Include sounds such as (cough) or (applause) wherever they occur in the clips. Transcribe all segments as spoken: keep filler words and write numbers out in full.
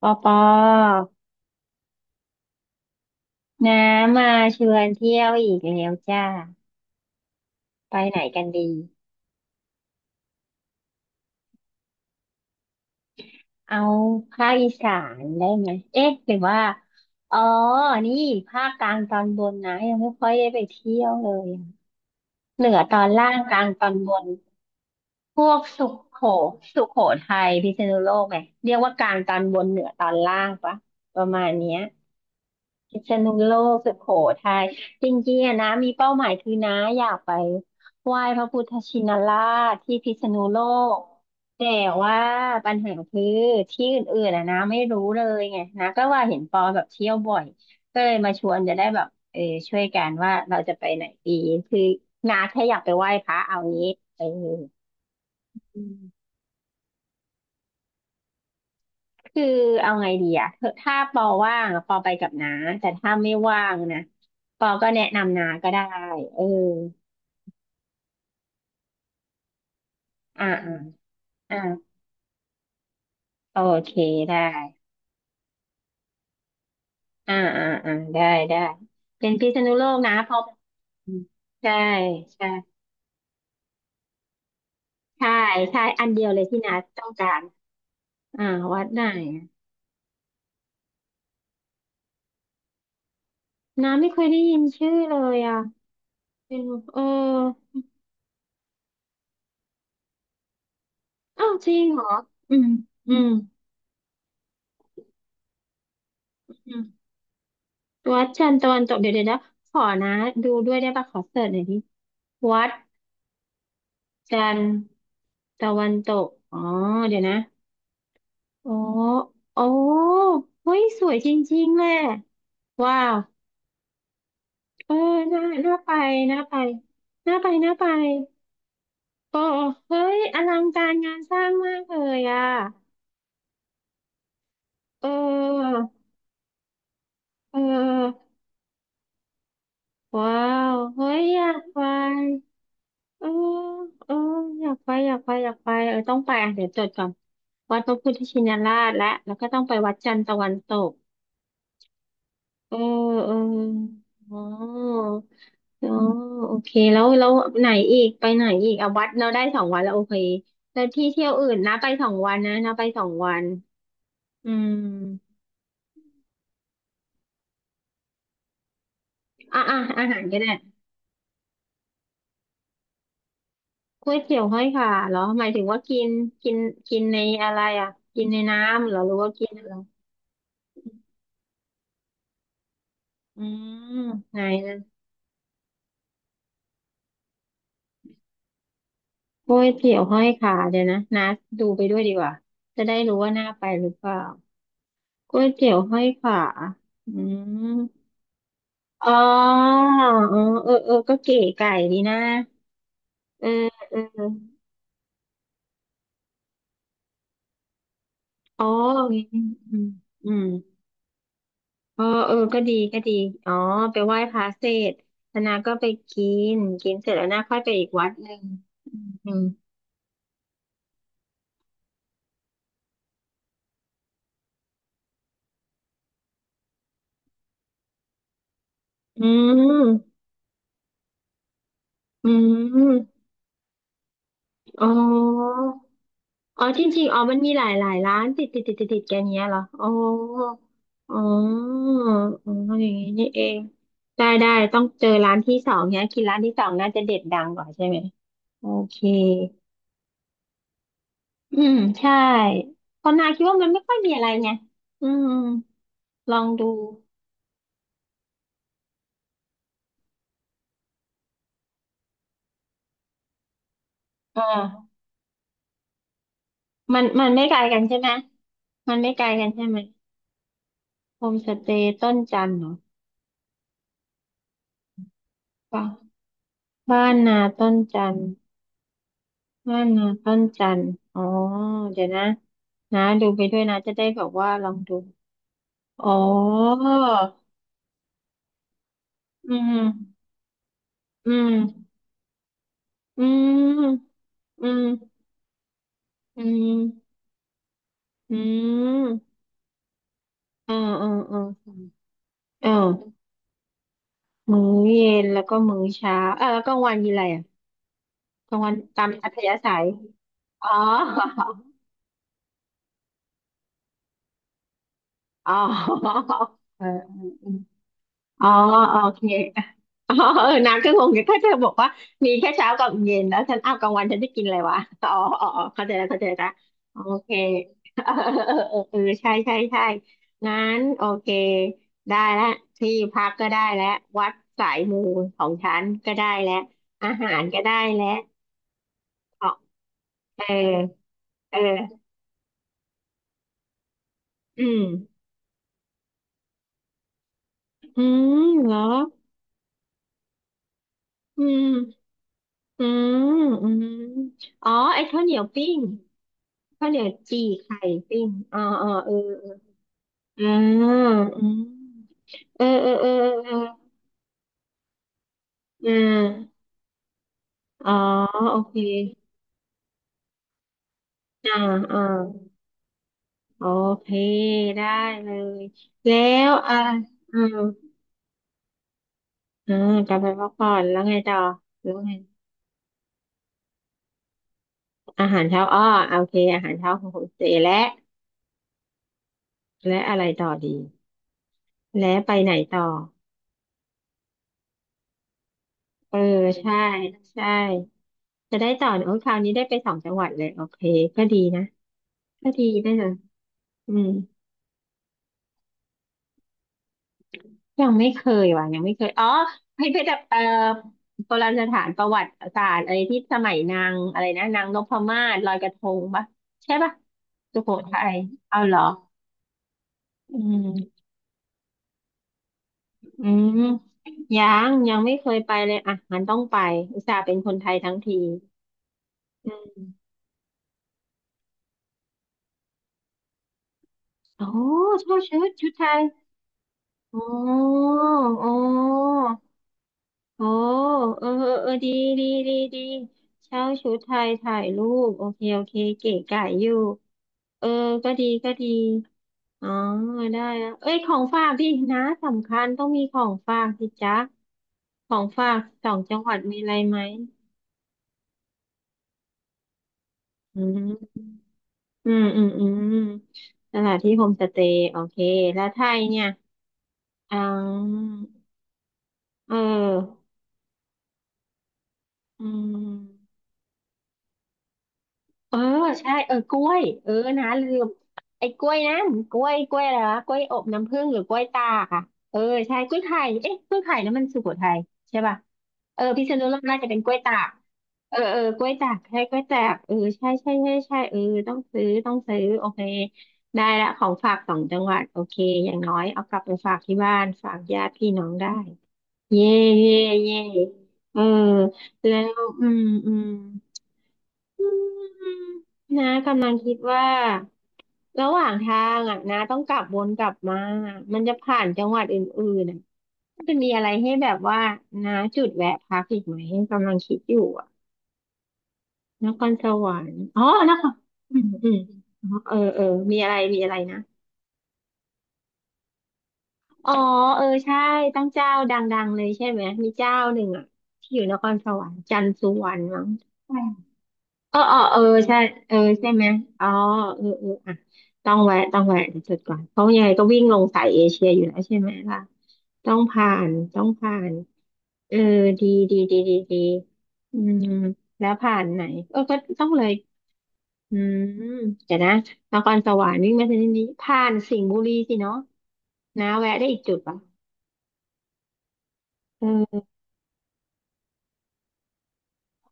ปอปอน้ามาชวนเที่ยวอีกแล้วจ้าไปไหนกันดี เอาภาคอีสานได้ไหม เอ๊ะหรือว่าอ๋อนี่ภาคกลางตอนบนนะยังไม่ค่อยได้ไปเที่ยวเลยอะเหนือตอนล่างกลางตอนบนพวกสุโขสุโขทัยพิษณุโลกไงเรียกว่ากลางตอนบนเหนือตอนล่างปะ ประมาณเนี้ย พิษณุโลกสุโขทัยจริงๆอะนะมีเป้าหมายคือนะอยากไปไหว้พระพุทธชินราชที่พิษณุโลกแต่ว่าปัญหาคือที่อื่นๆอะนะไม่รู้เลยไงนะก็ว่าเห็นปอแบบเที่ยวบ่อยก็เลยมาชวนจะได้แบบเออช่วยกันว่าเราจะไปไหนดีคือนาแค่อยากไปไหว้พระเอางี้เออ คือเอาไงดีอะถ้าปอว่างอะปอไปกับน้าแต่ถ้าไม่ว่างนะปอก็แนะนำน้าก็ได้เอออ่าอ่าอ่าโอเคได้อ่าอ่าอ่าได้ได้เป็นพิษณุโลกนะเพราะอืมใช่ใช่ใช่ใช่อันเดียวเลยที่น้าต้องการอ่าวัดไหนอะน้าไม่เคยได้ยินชื่อเลยอ่ะเป็นเอออ้าวจริงเหรออืมอืม วัดจันทร์ตะวันตกเดี๋ยวเดี๋ยวนะขอนะดูด้วยได้ปะขอเสิร์ชหน่อยดิวัดจันทร์ตะวันตกอ๋อเดี๋ยวนะโอ้โอ้เฮ้ยสวยจริงๆแหละว้าวเออน่าน่าไปน่าไปน่าไปน่าไปโอ้เฮ้ยอลังการงานสร้างมากเลยอ่ะเออเออว้าวเฮ้ยอยากไป เออเอออยากไปอยากไปอยากไปเออต้องไปอ่ะเดี๋ยวจดก่อนวัดพระพุทธชินราชและแล้วก็ต้องไปวัดจันทร์ตะวันตกเออเอออ๋ออ๋อโอเคแล้วแล้วไหนอีกไปไหนอีกอ่ะวัดเราได้สองวันแล้วโอเคแล้วที่เที่ยวอื่นนะไปสองวันนะนะไปสองวันอืมอ่ะอ่ะอาหารก็ได้ก๋วยเตี๋ยวห้อยขาเหรอหมายถึงว่ากินกินกินในอะไรอ่ะกินในน้ำเหรอหรือว่ากินอะไรอืมไหน โอ้ยเตี๋ยวห้อยขาเดี๋ยวนะนัดดูไปด้วยดีกว่าจะได้รู้ว่าน่าไปหรือเปล่าก๋วยเตี๋ยวห้อยขาอืมอ๋ออ๋อเออเออก็เก๋ไก่ดีนะเออเอออ๋ออย่างงี้อืมอืมอ๋อเออก็ดีก็ดีอ๋อไปไหว้พระเสร็จแล้วนาก็ไปกินกินเสร็จแล้วนาค่อยไปอีกวัดหนึ่งอืมอืมอืมอืมอ๋อ อ๋อจริงๆอ๋อมันมีหลายหลายร้านติดติดติดติดติดกันเนี้ยเหรออ๋ออ๋ออ๋ออย่างงี้นี่เองได้ได้ต้องเจอร้านที่สองเนี้ยกินร้านที่สองน่าจะเด็ดดังกว่าใช่ไหมโอเคอืมใช่ตอนนาคิดว่ามันไม่ค่อยมีอะไรไงอืมลองดูอ่ามันมันไม่ไกลกันใช่ไหมมันไม่ไกลกันใช่ไหมโฮมสเตย์ต้นจันทร์เหรอป่ะบ้านนาต้นจันทร์ น้านนาปั้นจันทร์อ๋อ เดี๋ยวนะนะดูไปด้วยนะจะได้แบบว่าลองดู อ๋ออืมอืมอืมอืมอืมอืมอ่าอ่าอ่าอ่ามื้อเย็นแล้วก็มื้อเช้าอ่ะแล้วกลางวันมีอะไรอ่ะกลางวันตามอัธยาศัย อ๋อ (laughs) อ๋อเออ อ๋อโอเค (laughs) อ๋อเออน้ำก็งงอยู่ถ้าเธอบอกว่ามีแค่เช้ากับเย็นแล้วฉันอ้าวกลางวันฉันจะกินอะไรวะอ๋ออ๋ออ๋อเข้าใจแล้วเข้าใจแล้วโอเค (laughs) เออเออเออเออใช่ใช่ใช่งั้นโอเคได้แล้วที่พักก็ได้แล้ววัดสายมูของฉันก็ได้แล้วอาหารก็ได้แล้วอ๋อเออเอออืมอืมเหรออืม อืมอืมอ๋อไอ้ข้าวเหนียวปิ้งข้าวเหนียวจี่ไข่ปิ้งอ๋ออ๋อเออเออออืมเออเออเออเออเอออ่าอ๋อโอเคอ่าอ่าโอเคได้เลยแล้วอ่าอ่าอ่ากลับไปพักผ่อนแล้วไงต่อแล้วไงอาหารเช้าอ้อโอเคอาหารเช้าของคุณเจและและอะไรต่อดี และไปไหนต่อ เออใช่ใช่ จะได้ต่อโอ้ยคราวนี้ได้ไปสองจังหวัดเลยโอเคก็ดีนะก็ดีนะอืมยังไม่เคยว่ะยังไม่เคยอ๋อพปพิธเอ่อโบราณสถานประวัติศาสตร์อะไรที่สมัยนางอะไรนะนางนพมาศลอยกระทงปะใช่ปะสุโขทัยเอาเหรออืมอืมยังยังไม่เคยไปเลยอ่ะงั้นต้องไปอุตส่าห์เป็นคนไทยทั้งทีอืมโอ้ชอบชุดชุดไทยอ๋ออ๋อ โอ้เออเออเออดีดีดีดีเช่าชุดไทยถ่ายรูปโอเคโอเคเก๋ไก๋อยู่เออก็ดีก็ดีอ๋อ ได้แลเอ้ยของฝากพี่นะ สำคัญต้องมีของฝากสิจ๊ะของฝากสองจังหวัดมีอะไรไหมอืมอืม อืมอืมสถานที่โฮมสเตย์โอเค แล้วไทยเนี่ย อ๋อเอออืม เออใช่เออกล้วยเออนะลืมไอ้กล้วยนะกล้วยกล้วยอะไรวะกล้วยอบน้ำผึ้งหรือกล้วยตากอะเออใช่กล้วยไข่เอ๊ะกล้วยไข่นั่นมันสุโขทัยใช่ป่ะเออพิษณุโลกน่าจะเป็นกล้วยตากเออเออกล้วยตากใช่กล้วยตากเออใช่ใช่ใช่ใช่เออต้องซื้อต้องซื้อโอเคได้ละของฝากสองจังหวัดโอเคอย่างน้อยเอากลับไปฝากที่บ้านฝากญาติพี่น้องได้เย่เย่เย่เออแล้วอืมอืม อืมน้ากำลังคิดว่าระหว่างทางอ่ะน้าต้องกลับวนกลับมามันจะผ่านจังหวัดอื่นๆอ่ะมันจะมีอะไรให้แบบว่าน้าจุดแวะพักอีกไหมกำลังคิดอยู่อ่ะนครสวรรค์อ๋อนครอืมอืมอ๋อเออเออมีอะไรมีอะไรนะอ๋อเออใช่ตั้งเจ้าดังๆเลยใช่ไหมมีเจ้าหนึ่งอ่ะที่อยู่นครสวรรค์จันทร์สุวรรณมั้ง เออเออเออใช่เออใช่ไหมอ๋อเออเอออ่ะ ต้องแวะต้องแวะเดี๋ยวจดก่อนเพราะยังไงก็วิ่งลงสายเอเชียอยู่แล้วใช่ไหมล่ะต้องผ่านต้องผ่านเออดีดีดีดีดีอืมแล้วผ่านไหนเออก็ต้องเลยอืมเดี๋ยวนะนครสวรรค์วิ่งมาทางนี้ผ่านสิงห์บุรีสิเนาะนะแวะได้อีกจุดป่ะเออ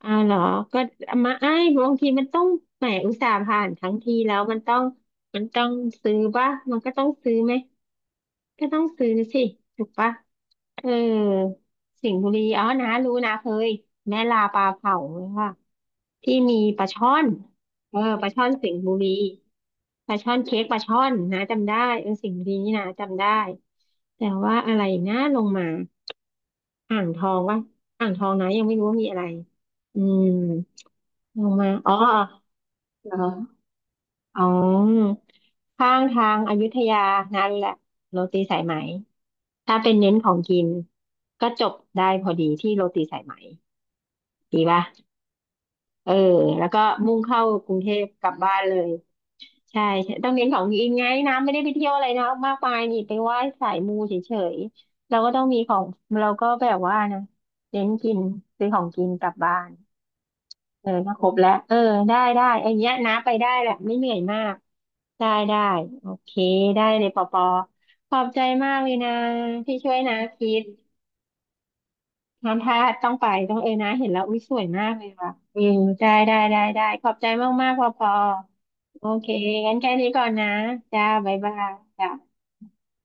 อ้าวเหรอ ก็มาไอ้ายบางทีมันต้องแหมอุตส่าห์ผ่านทั้งทีแล้วมันต้องมันต้องซื้อป่ะมันก็ต้องซื้อไหม ก็ต้องซื้อสิถูกปะเออสิงห์บุรีอ๋อนะรู้นะเคยแม่ลาปลาเผาค่ะที่มีปลาช่อนเออปลาช่อนสิงห์บุรีปลาช่อนเค้กปลาช่อนนะจำได้เออสิงห์บุรีนี่นะจำได้แต่ว่าอะไรนะลงมาอ่างทองวะอ่างทองนะยังไม่รู้ว่ามีอะไรอืมลงมาอ๋อเหรอ อ๋อข้างทางอยุธยานั่นแหละโรตีสายไหมถ้าเป็นเน้นของกินก็จบได้พอดีที่โรตีสายไหมดีป่ะเออแล้วก็มุ่งเข้ากรุงเทพกลับบ้านเลยใช่ใช่ต้องเน้นของกินไงนะไม่ได้ไปเที่ยวอะไรนะมากมายนี่ไปไหว้สายมูเฉยๆเราก็ต้องมีของเราก็แบบว่านะเน้นกินซื้อของกินกลับบ้าน เออถ้าครบแล้วเออได้ได้ไอ้เนี้ยนะไปได้แหละไม่เหนื่อยมากได้ได้โอเคได้เลยปอปอขอบใจมากเลยนะที่ช่วยนะคิดน้ำท่าต้องไปต้องเออนะเห็นแล้วอุ้ยสวยมากเลยว่ะอืมได้ได้ได้ได้ขอบใจมากมากปอปอโอเคงั้นแค่นี้ก่อนนะจ้าบ๊ายบายจ้า